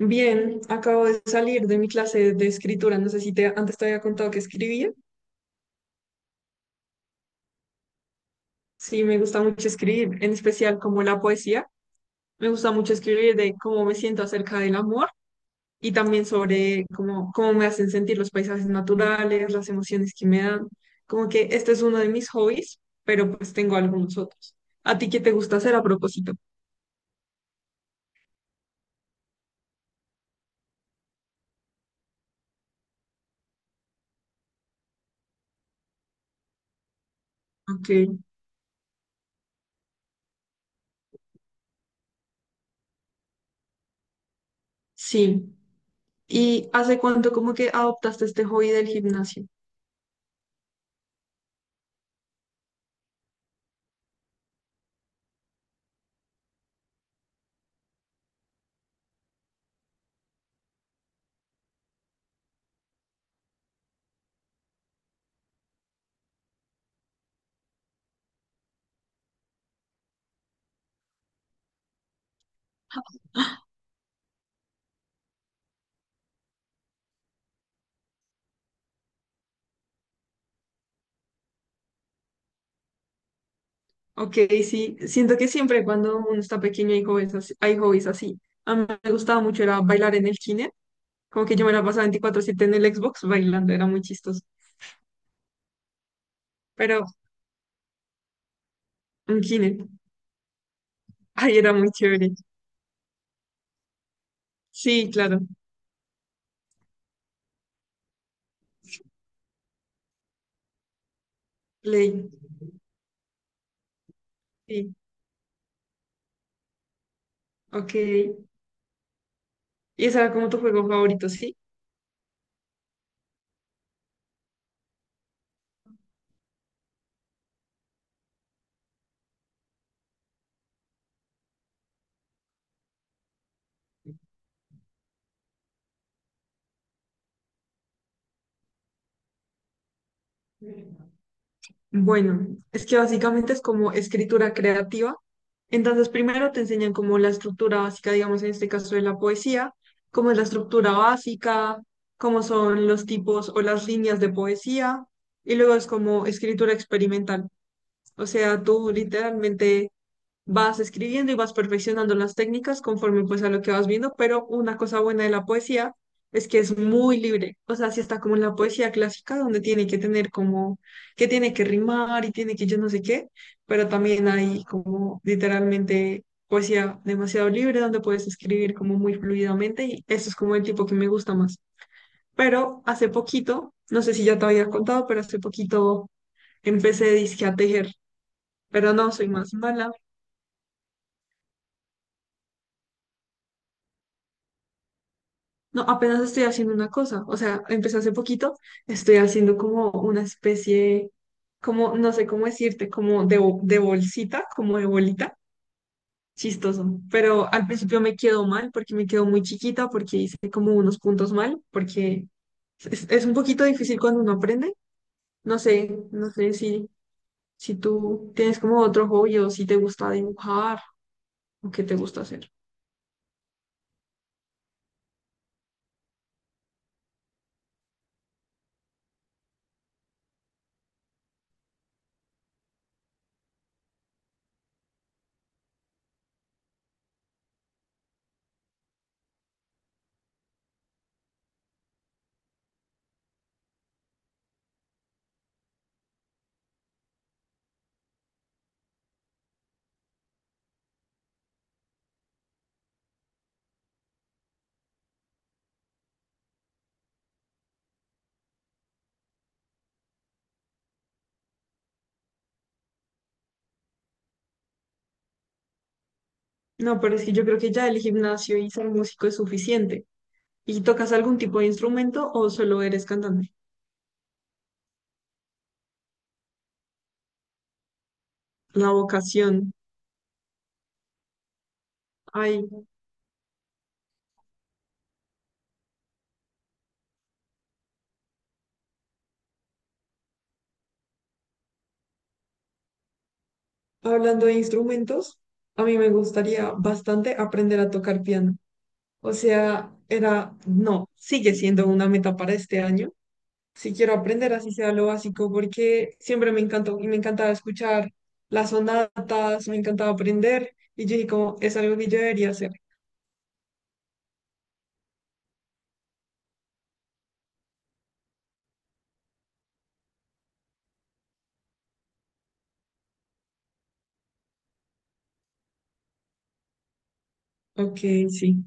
Bien, acabo de salir de mi clase de escritura. No sé si te, antes te había contado que escribía. Sí, me gusta mucho escribir, en especial como la poesía. Me gusta mucho escribir de cómo me siento acerca del amor y también sobre cómo me hacen sentir los paisajes naturales, las emociones que me dan. Como que este es uno de mis hobbies, pero pues tengo algunos otros. ¿A ti qué te gusta hacer a propósito? Ok, sí. ¿Y hace cuánto como que adoptaste este hobby del gimnasio? Ok, sí, siento que siempre cuando uno está pequeño hay hobbies así. Hay hobbies así. A mí me gustaba mucho era bailar en el kine, como que yo me la pasaba 24/7 en el Xbox bailando, era muy chistoso. Pero un kine, ay, era muy chévere. Sí, claro, Play, sí, ok. Y ese era como tu juego favorito, ¿sí? Bueno, es que básicamente es como escritura creativa. Entonces, primero te enseñan como la estructura básica, digamos, en este caso de la poesía, cómo es la estructura básica, cómo son los tipos o las líneas de poesía, y luego es como escritura experimental. O sea, tú literalmente vas escribiendo y vas perfeccionando las técnicas conforme pues a lo que vas viendo, pero una cosa buena de la poesía es que es muy libre, o sea, si está como en la poesía clásica donde tiene que tener como que tiene que rimar y tiene que yo no sé qué, pero también hay como literalmente poesía demasiado libre donde puedes escribir como muy fluidamente y eso es como el tipo que me gusta más. Pero hace poquito, no sé si ya te había contado, pero hace poquito empecé dizque a tejer, pero no soy más mala. No, apenas estoy haciendo una cosa, o sea, empecé hace poquito, estoy haciendo como una especie, como, no sé cómo decirte, como de, de bolsita, como de bolita, chistoso, pero al principio me quedó mal porque me quedó muy chiquita, porque hice como unos puntos mal, porque es un poquito difícil cuando uno aprende, no sé, no sé si, si tú tienes como otro hobby o si te gusta dibujar o qué te gusta hacer. No, pero es que yo creo que ya el gimnasio y ser músico es suficiente. ¿Y tocas algún tipo de instrumento o solo eres cantante? La vocación. Ay, hablando de instrumentos, a mí me gustaría bastante aprender a tocar piano. O sea, era, no, sigue siendo una meta para este año. Si quiero aprender, así sea lo básico, porque siempre me encantó y me encantaba escuchar las sonatas, me encantaba aprender. Y yo dije como, es algo que yo debería hacer. Ok, sí.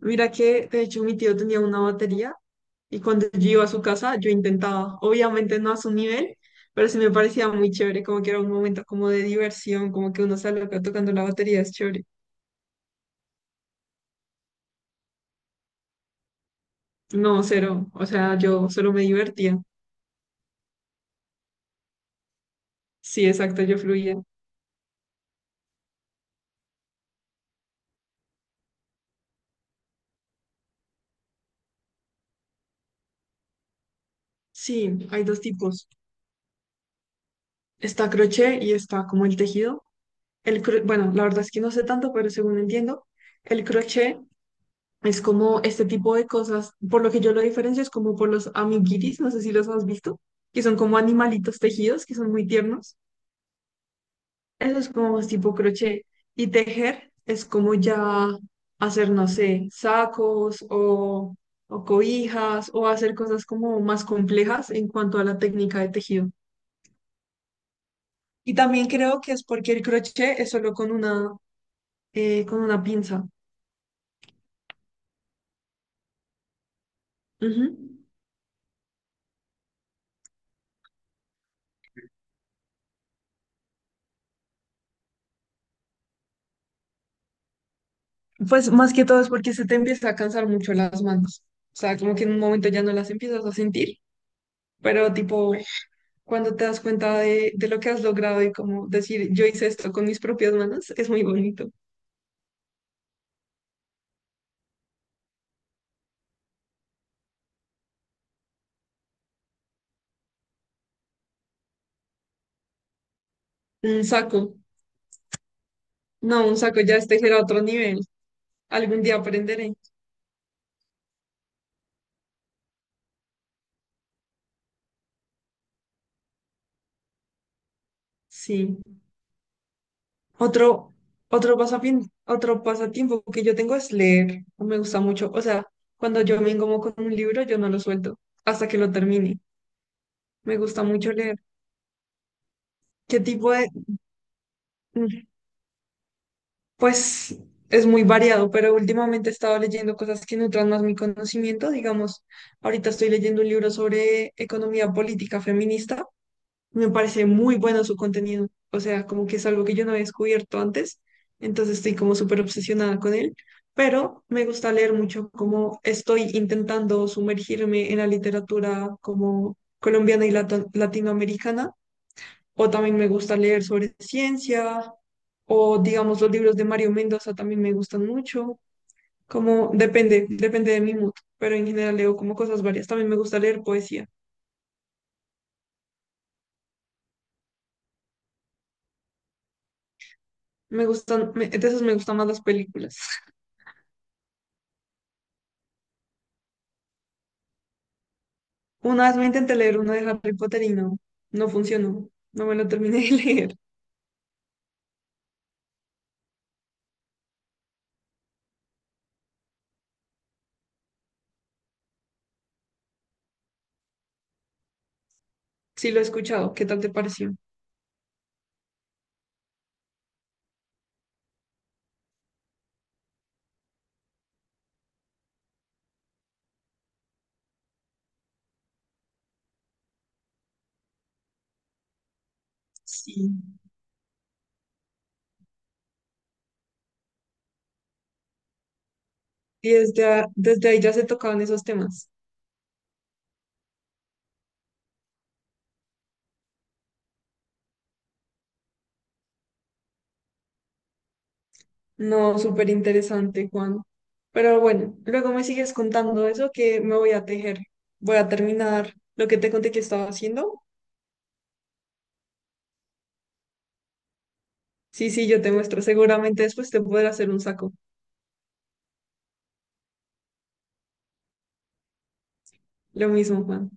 Mira que, de hecho, mi tío tenía una batería y cuando yo iba a su casa, yo intentaba, obviamente no a su nivel, pero sí me parecía muy chévere, como que era un momento como de diversión, como que uno sale acá tocando la batería, es chévere. No, cero, o sea, yo solo me divertía. Sí, exacto, yo fluía. Sí, hay 2 tipos. Está crochet y está como el tejido. Bueno, la verdad es que no sé tanto, pero según entiendo, el crochet es como este tipo de cosas, por lo que yo lo diferencio es como por los amiguitis, no sé si los has visto, que son como animalitos tejidos, que son muy tiernos. Eso es como más tipo crochet. Y tejer es como ya hacer, no sé, sacos o cobijas o hacer cosas como más complejas en cuanto a la técnica de tejido. Y también creo que es porque el crochet es solo con una pinza. Ujú. Pues más que todo es porque se te empieza a cansar mucho las manos. O sea, como que en un momento ya no las empiezas a sentir, pero tipo, cuando te das cuenta de lo que has logrado y como decir, yo hice esto con mis propias manos, es muy bonito. Un saco, no, un saco ya este era otro nivel. Algún día aprenderé. Sí. Otro, otro pasatiempo que yo tengo es leer. Me gusta mucho. O sea, cuando yo me engomo con un libro, yo no lo suelto hasta que lo termine. Me gusta mucho leer. ¿Qué tipo de, mm, pues es muy variado, pero últimamente he estado leyendo cosas que nutran más mi conocimiento. Digamos, ahorita estoy leyendo un libro sobre economía política feminista. Me parece muy bueno su contenido. O sea, como que es algo que yo no había descubierto antes. Entonces estoy como súper obsesionada con él. Pero me gusta leer mucho como estoy intentando sumergirme en la literatura como colombiana y latinoamericana o también me gusta leer sobre ciencia, o digamos los libros de Mario Mendoza también me gustan mucho, como depende de mi mood, pero en general leo como cosas varias, también me gusta leer poesía, me gustan, de esas me gustan más las películas. Una vez me intenté leer uno de Harry Potter y no, no funcionó, no me lo terminé de leer. Sí lo he escuchado, ¿qué tal te pareció? Sí. Y desde, desde ahí ya se tocaban esos temas. No, súper interesante, Juan. Pero bueno, luego me sigues contando eso que me voy a tejer. Voy a terminar lo que te conté que estaba haciendo. Sí, sí, yo te muestro. Seguramente después te podré hacer un saco. Lo mismo, Juan.